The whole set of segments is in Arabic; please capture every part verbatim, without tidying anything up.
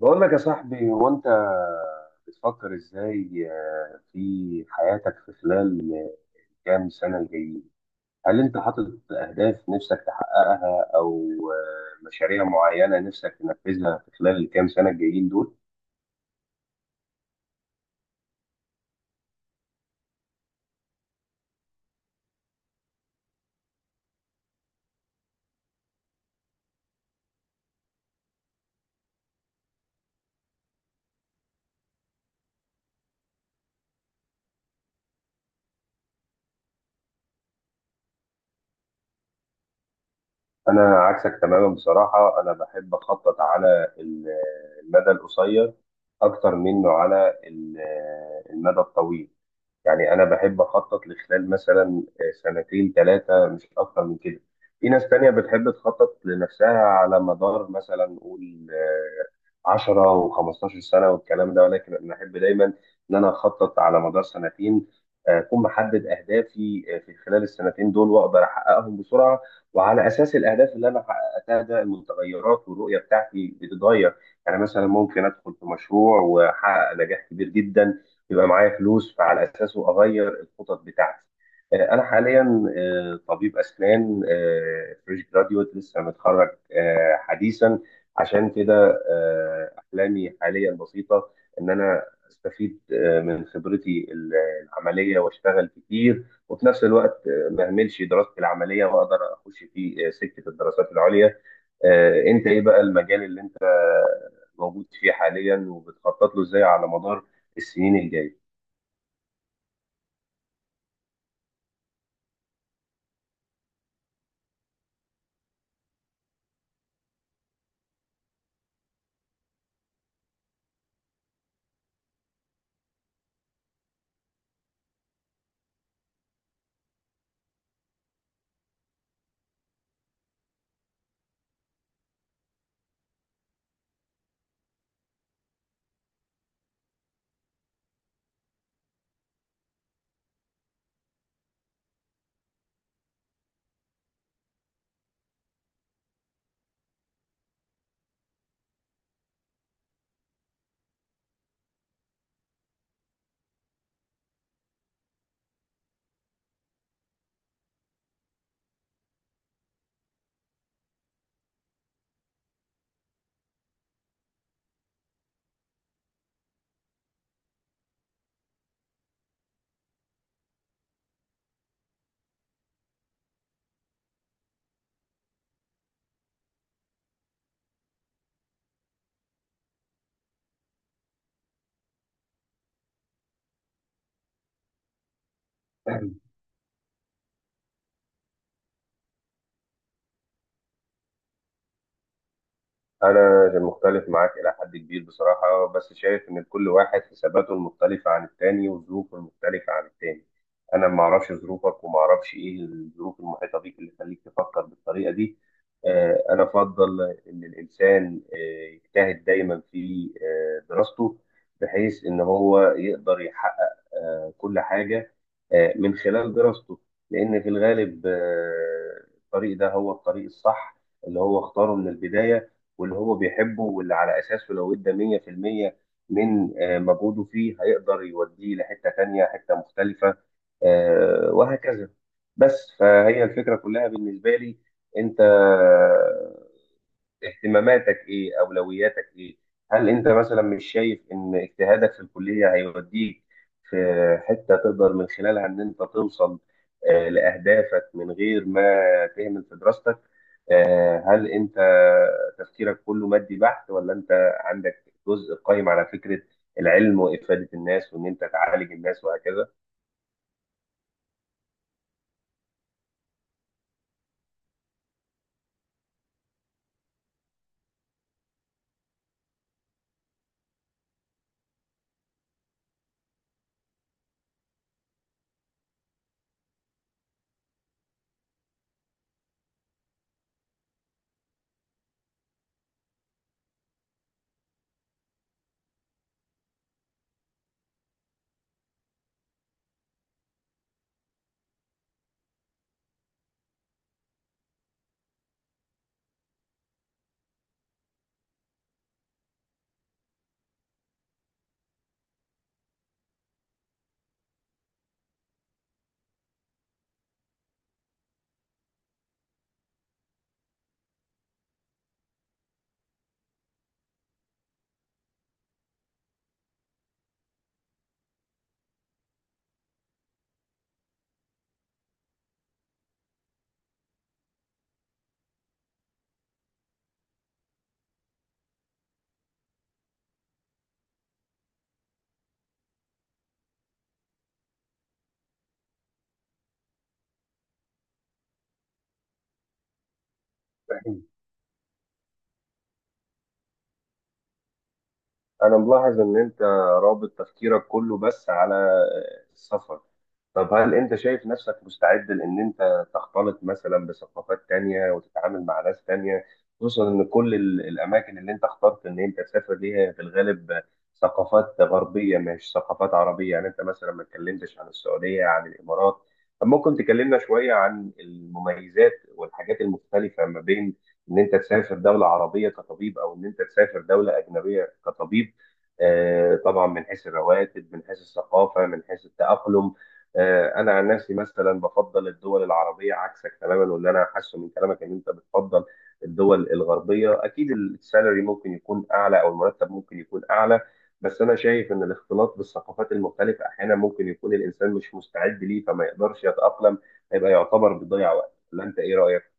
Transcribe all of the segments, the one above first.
بقول لك يا صاحبي، هو انت بتفكر ازاي آه، في حياتك في خلال كام سنة الجايين؟ هل انت حاطط اهداف نفسك تحققها، او آه، مشاريع معينة نفسك تنفذها في خلال الكام سنة الجايين دول؟ انا عكسك تماما بصراحة. انا بحب اخطط على ال- آه، المدى القصير اكتر منه على ال- آه، المدى الطويل. يعني انا بحب اخطط لخلال مثلا آه، سنتين ثلاثه، مش اكتر من كده. في ناس تانية بتحب تخطط لنفسها على مدار مثلا نقول آه، عشرة و15 سنه والكلام ده، ولكن انا احب دايما ان انا اخطط على مدار سنتين، آه، اكون محدد اهدافي آه، في خلال السنتين دول واقدر احققهم بسرعه. وعلى اساس الاهداف اللي انا حققتها ده، المتغيرات والرؤيه بتاعتي بتتغير. يعني مثلا ممكن ادخل في مشروع واحقق نجاح كبير جدا، يبقى معايا فلوس، فعلى اساسه اغير الخطط بتاعتي. آه، انا حاليا آه، طبيب اسنان، آه، فريش جراديوت، لسه متخرج آه، حديثا. عشان كده آه، احلامي حاليا بسيطه، ان انا استفيد آه، من خبرتي ال- العمليه واشتغل كتير، وفي نفس الوقت آه، ما اهملش دراستي العمليه واقدر اخش في آه، سكه الدراسات العليا. آه، انت ايه بقى المجال اللي انت موجود فيه حاليا وبتخطط له ازاي على مدار السنين الجايه؟ انا مختلف معاك الى حد كبير بصراحه، بس شايف ان كل واحد حساباته المختلفه عن التاني وظروفه المختلفه عن التاني. انا ما اعرفش ظروفك وما اعرفش ايه الظروف المحيطه بيك اللي تخليك تفكر بالطريقه دي. آه، انا افضل ان الانسان آه، يجتهد دايما في آه، دراسته، بحيث ان هو يقدر يحقق آه، كل حاجه آه، من خلال دراسته. لان في الغالب آه، الطريق ده هو الطريق الصح اللي هو اختاره من البدايه، واللي هو بيحبه، واللي على أساسه لو ادى مية في المية من آه، مجهوده فيه هيقدر يوديه لحتة تانية، حتة مختلفة، آه، وهكذا. بس فهي الفكرة كلها بالنسبة لي. أنت اهتماماتك ايه، اولوياتك ايه؟ هل انت مثلا مش شايف ان اجتهادك في الكليه هيوديك في حته تقدر من خلالها ان انت توصل آه، لاهدافك من غير ما تهمل في دراستك؟ آه، هل انت تفكيرك كله مادي بحت، ولا انت عندك جزء قائم على فكره العلم وافاده الناس وان انت تعالج الناس وهكذا؟ انا ملاحظ ان انت رابط تفكيرك كله بس على السفر. طب هل انت شايف نفسك مستعد لان انت تختلط مثلا بثقافات تانية وتتعامل مع ناس تانية، خصوصا ان كل ال- الاماكن اللي انت اخترت ان انت تسافر ليها في الغالب ثقافات غربية مش ثقافات عربية؟ يعني انت مثلا ما اتكلمتش عن السعودية، عن الامارات. طب ممكن تكلمنا شوية عن المميزات والحاجات المختلفة ما بين ان انت تسافر دولة عربية كطبيب او ان انت تسافر دولة اجنبية كطبيب؟ آه، طبعا من حيث الرواتب، من حيث الثقافة، من حيث التأقلم. آه، انا عن نفسي مثلا بفضل الدول العربيه عكسك تماما، واللي انا حاسه من كلامك ان انت بتفضل الدول الغربيه. اكيد السالري ممكن يكون اعلى، او المرتب ممكن يكون اعلى، بس انا شايف ان الاختلاط بالثقافات المختلفه احيانا ممكن يكون الانسان مش مستعد ليه فما يقدرش يتاقلم، هيبقى يعتبر بيضيع وقت. ولا انت ايه رايك؟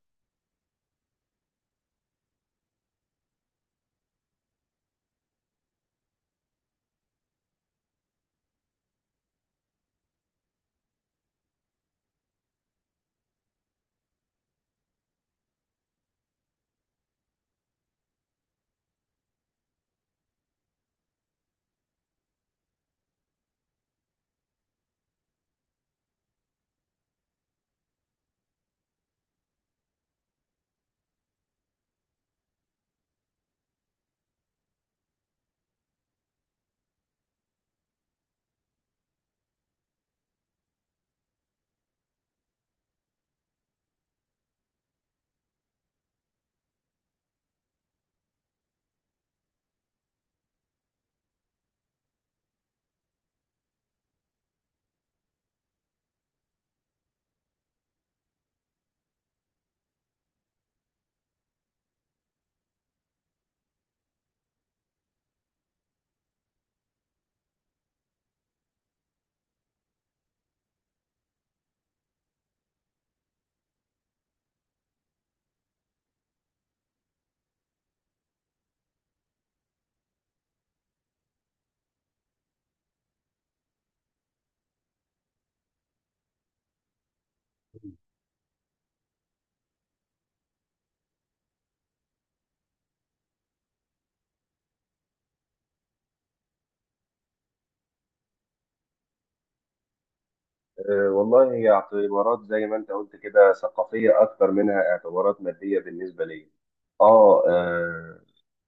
أه والله، هي اعتبارات زي ما انت قلت كده ثقافيه اكتر منها اعتبارات ماديه بالنسبه لي. اه آه،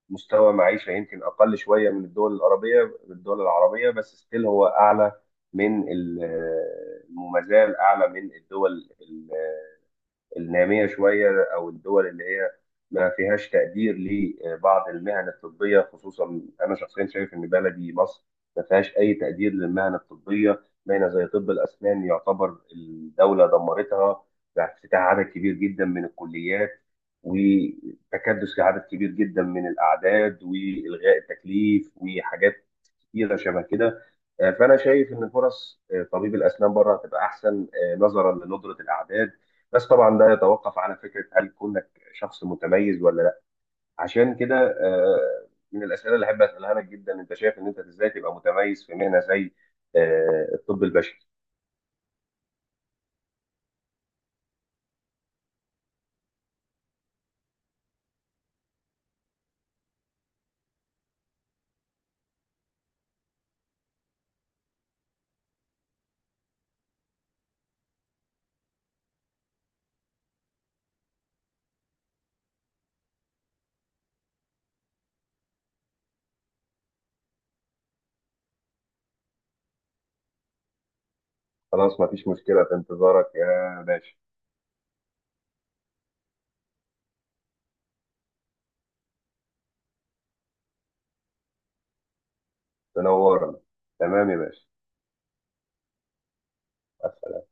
مستوى معيشة يمكن أقل شوية من الدول العربية. الدول العربية بس ستيل هو أعلى من ال- آه، وما زال أعلى من الدول النامية شوية، أو الدول اللي هي ما فيهاش تقدير لبعض المهن الطبية. خصوصا أنا شخصيا شايف إن بلدي مصر ما فيهاش أي تقدير للمهن الطبية، باينة زي طب الأسنان يعتبر الدولة دمرتها بافتتاح عدد كبير جدا من الكليات، وتكدس لعدد كبير جدا من الأعداد، وإلغاء التكليف، وحاجات كتيره شبه كده. آه، فانا شايف ان فرص آه، طبيب الاسنان بره هتبقى احسن آه، نظرا لندره الاعداد. بس طبعا ده يتوقف على فكره، هل كونك شخص متميز ولا لا. عشان كده آه، من الاسئله اللي احب اسالها لك جدا، انت شايف ان انت ازاي تبقى متميز في مهنه زي آه، الطب البشري؟ خلاص، مفيش مشكله، في انتظارك يا باشا. تنورنا. تمام يا باشا. مع السلامة.